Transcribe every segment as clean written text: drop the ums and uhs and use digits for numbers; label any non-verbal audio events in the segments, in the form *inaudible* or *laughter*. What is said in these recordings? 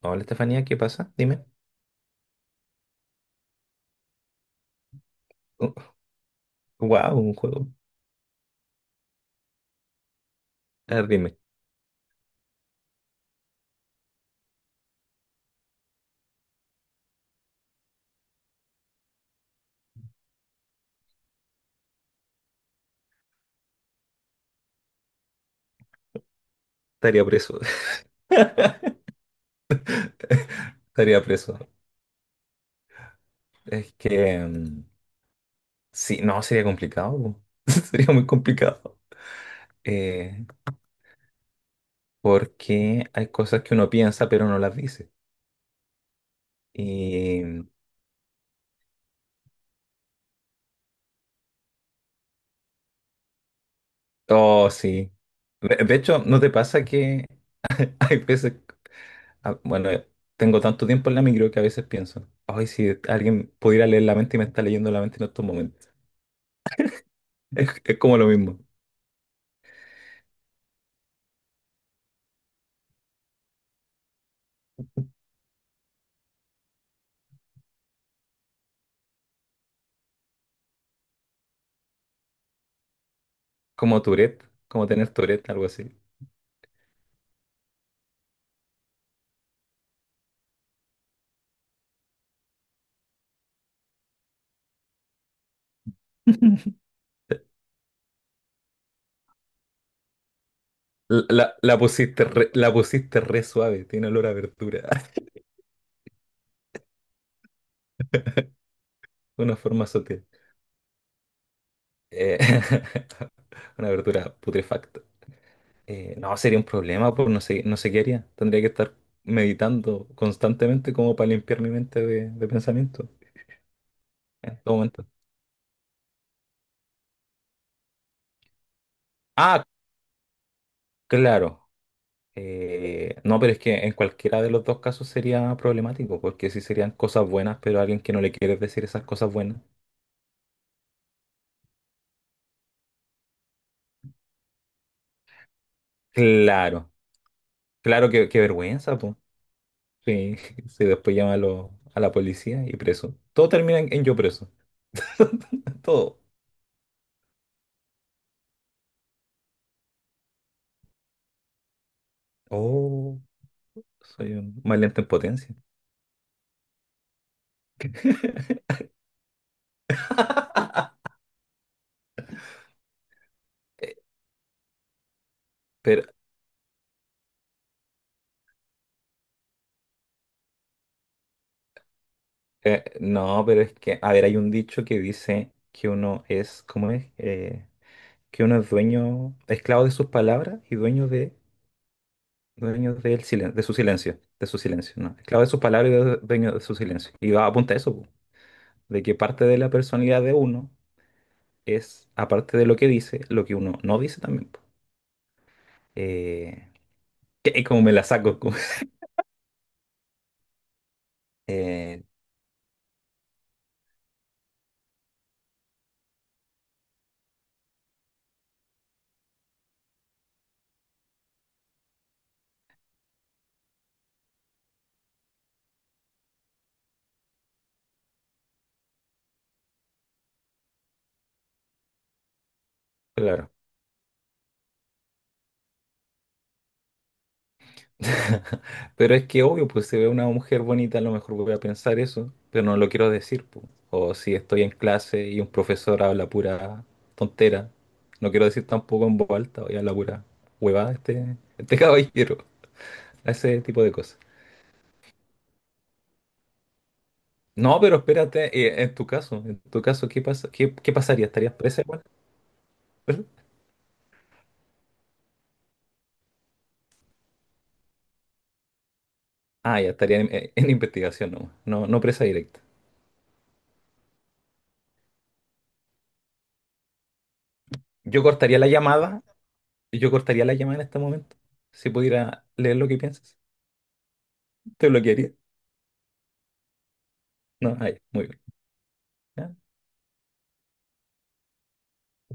Hola Estefanía, ¿qué pasa? Dime. Wow, un juego. A ver, dime. Estaría preso. *laughs* Estaría preso. Es que sí, no, sería complicado. Po. *laughs* Sería muy complicado. Eh, porque hay cosas que uno piensa pero no las dice. Y mm, oh, sí. De hecho, ¿no te pasa que *laughs* hay veces, ah, bueno, tengo tanto tiempo en la micro que a veces pienso, ay, si alguien pudiera leer la mente y me está leyendo la mente en estos momentos. *laughs* Es como lo mismo. Como Tourette, como tener Tourette, algo así. La pusiste re, suave, tiene olor a verdura. *laughs* Una forma sutil. Eh, *laughs* una verdura putrefacta. No, sería un problema, pues no sé qué haría. Tendría que estar meditando constantemente como para limpiar mi mente de pensamiento en todo momento. Ah, claro. No, pero es que en cualquiera de los dos casos sería problemático, porque sí serían cosas buenas, pero a alguien que no le quieres decir esas cosas buenas. Claro, claro, qué vergüenza, pues. Sí, *laughs* sí, después llama a la policía y preso. Todo termina en yo preso. *laughs* Todo. Oh, soy un mal lento en potencia. *laughs* Eh, Pero, no, pero es que, a ver, hay un dicho que dice que uno es, ¿cómo es? Que uno es dueño, esclavo de sus palabras y dueño de su silencio, ¿no? Esclavo de sus palabras y dueño de su silencio. Y va a apuntar eso, po, de que parte de la personalidad de uno es, aparte de lo que dice, lo que uno no dice también. Po. Eh, que es como me la saco. *laughs* Eh, claro. *laughs* Pero es que obvio, pues si veo una mujer bonita, a lo mejor voy a pensar eso, pero no lo quiero decir, po. O si estoy en clase y un profesor habla pura tontera, no quiero decir tampoco en voz alta, oye, habla pura huevada este *laughs* caballero, ese tipo de cosas. No, pero espérate, en tu caso, ¿qué pasa? ¿Qué pasaría? ¿Estarías presa igual? Ah, ya estaría en investigación nomás, no presa directa. Yo cortaría la llamada, yo cortaría la llamada en este momento. Si pudiera leer lo que piensas, te bloquearía. No, ahí, muy bien. Ya.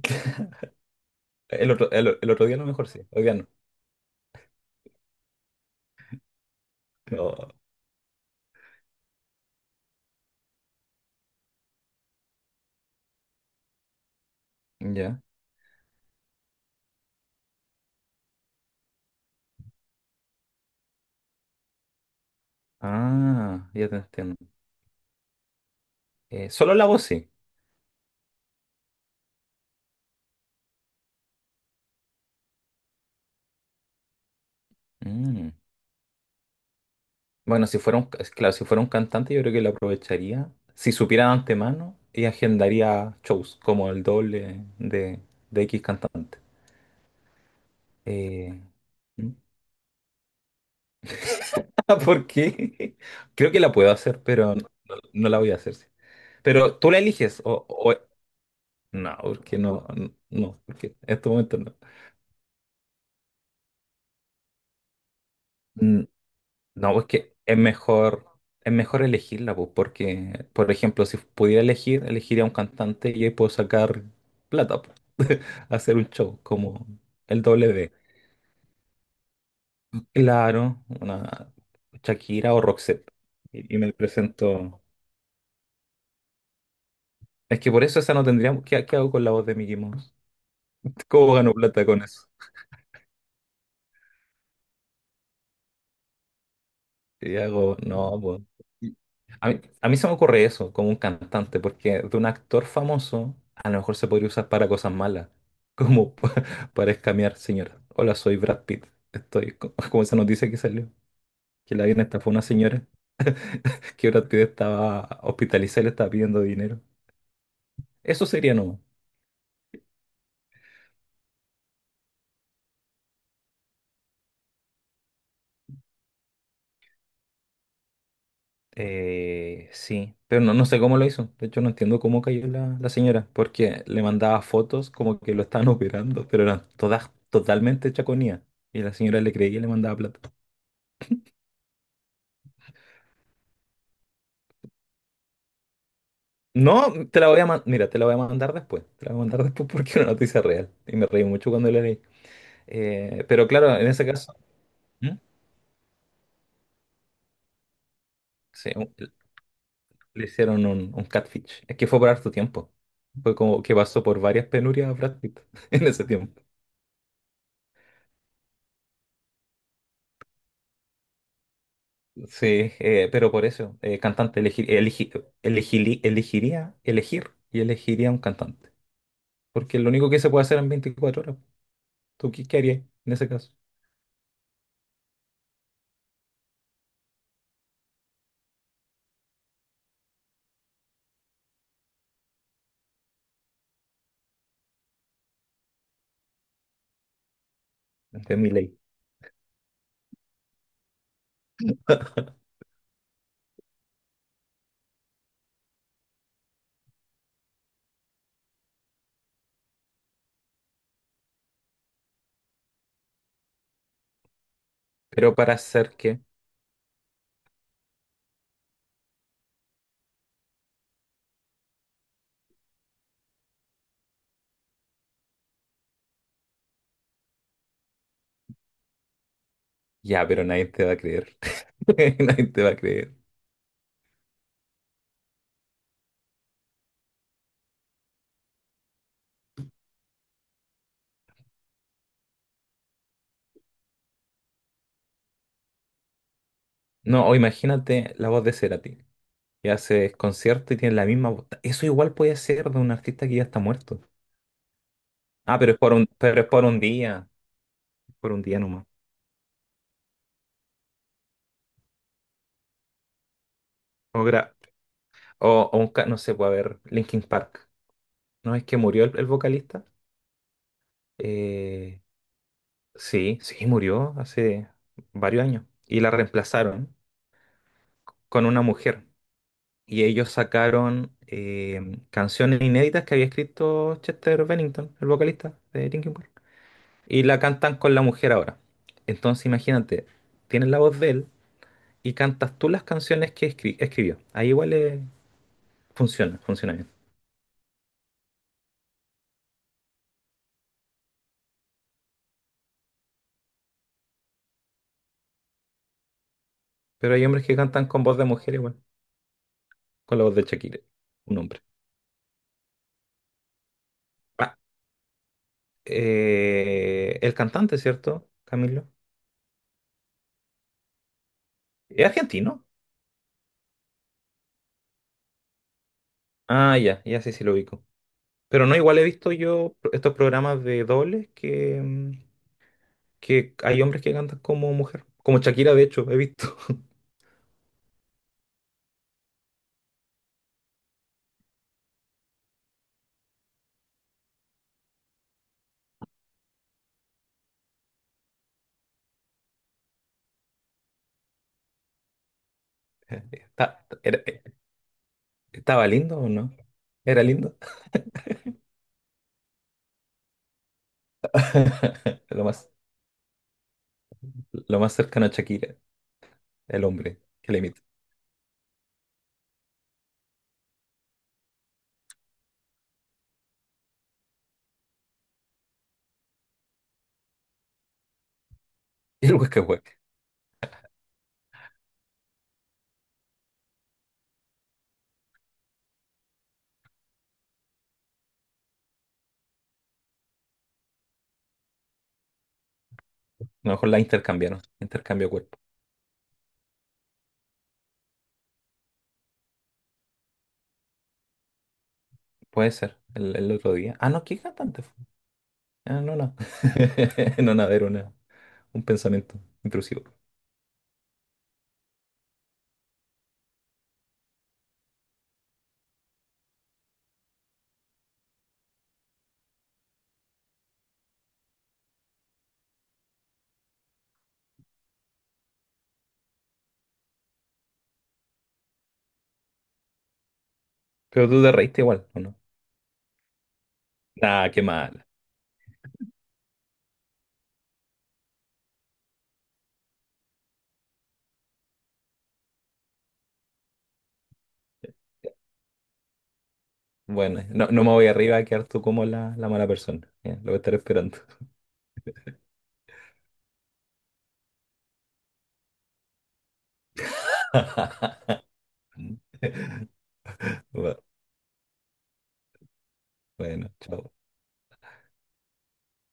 *laughs* El otro día a lo mejor sí, hoy día no. No. Ya. Ah, ya te entiendo. Solo la voz sí. Mm. Bueno, si fuera un, ca- claro, si fuera un cantante, yo creo que lo aprovecharía. Si supiera de antemano, y agendaría shows como el doble de X cantante. Eh, ¿Mm? *laughs* ¿Por qué? Creo que la puedo hacer, pero no la voy a hacer. Sí. Pero tú la eliges no, porque en este momento no. Mm, No, es que es mejor elegirla, pues, porque, por ejemplo, si pudiera elegir, elegiría un cantante y ahí puedo sacar plata, pues, hacer un show como el doble de, claro, una Shakira o Roxette. Y me presento. Es que por eso esa no tendríamos. ¿Qué hago con la voz de Mickey Mouse? ¿Cómo gano plata con eso? Y hago, no, pues. Y a mí, se me ocurre eso, como un cantante, porque de un actor famoso a lo mejor se podría usar para cosas malas, como *laughs* para escamear, señora. Hola, soy Brad Pitt. *laughs* Como esa noticia que salió, que la bien estafó una señora, que Brad Pitt estaba hospitalizada y le estaba pidiendo dinero. Eso sería no. Sí, pero no, no sé cómo lo hizo. De hecho, no entiendo cómo cayó la señora, porque le mandaba fotos como que lo estaban *laughs* operando, pero eran todas totalmente chaconías. Y la señora le creía y le mandaba plata. No, te la voy a mandar. Mira, te la voy a mandar después. Te la voy a mandar *laughs* después porque es una noticia real. Y me reí mucho cuando la leí. Pero claro, en ese caso, ¿Mm? Sí, le hicieron un catfish. Es que fue por harto tiempo. Fue como que pasó por varias penurias a Brad Pitt *laughs* en ese tiempo. Sí, pero por eso, cantante, elegir, elegi- elegili- elegiría, elegir y elegiría un cantante. Porque es lo único que se puede hacer en 24 horas. ¿Tú qué harías en ese caso? Esta es mi ley. Pero para hacer que, ya, pero nadie te va a creer. *laughs* Nadie te va a creer. No, o imagínate la voz de Cerati, que hace concierto y tiene la misma voz. Eso igual puede ser de un artista que ya está muerto. Ah, pero es por un día nomás. O, gra- o un, ca- No sé, puede haber Linkin Park. No es que murió el vocalista. Eh, sí, sí, murió hace varios años. Y la reemplazaron con una mujer. Y ellos sacaron canciones inéditas que había escrito Chester Bennington, el vocalista de Linkin Park. Y la cantan con la mujer ahora. Entonces imagínate, tienes la voz de él y cantas tú las canciones que escribió. Ahí igual funciona, funciona bien. Pero hay hombres que cantan con voz de mujer igual, con la voz de Shakira, un hombre. Ah, el cantante, ¿cierto, Camilo? ¿Es argentino? Ah, ya, ya sí, sí lo ubico. Pero no, igual he visto yo estos programas de dobles que hay hombres que cantan como mujer. Como Shakira, de hecho, he visto. *laughs* Está- era- ¿Estaba lindo o no? ¿Era lindo? *laughs* Lo más, lo más cercano a Shakira, el hombre que le imita. *laughs* Y el hueque hueque. A lo mejor la intercambiaron, intercambio cuerpo. Puede ser, el otro día. Ah, no, ¿qué cantante Ah, no, no. *laughs* No, nada, era un pensamiento intrusivo. Pero tú te reíste igual, ¿o no? Nah, qué mal. Bueno, no, no me voy arriba a quedar tú como la mala persona. Ya, lo voy a estar esperando. *laughs* Bueno, chao.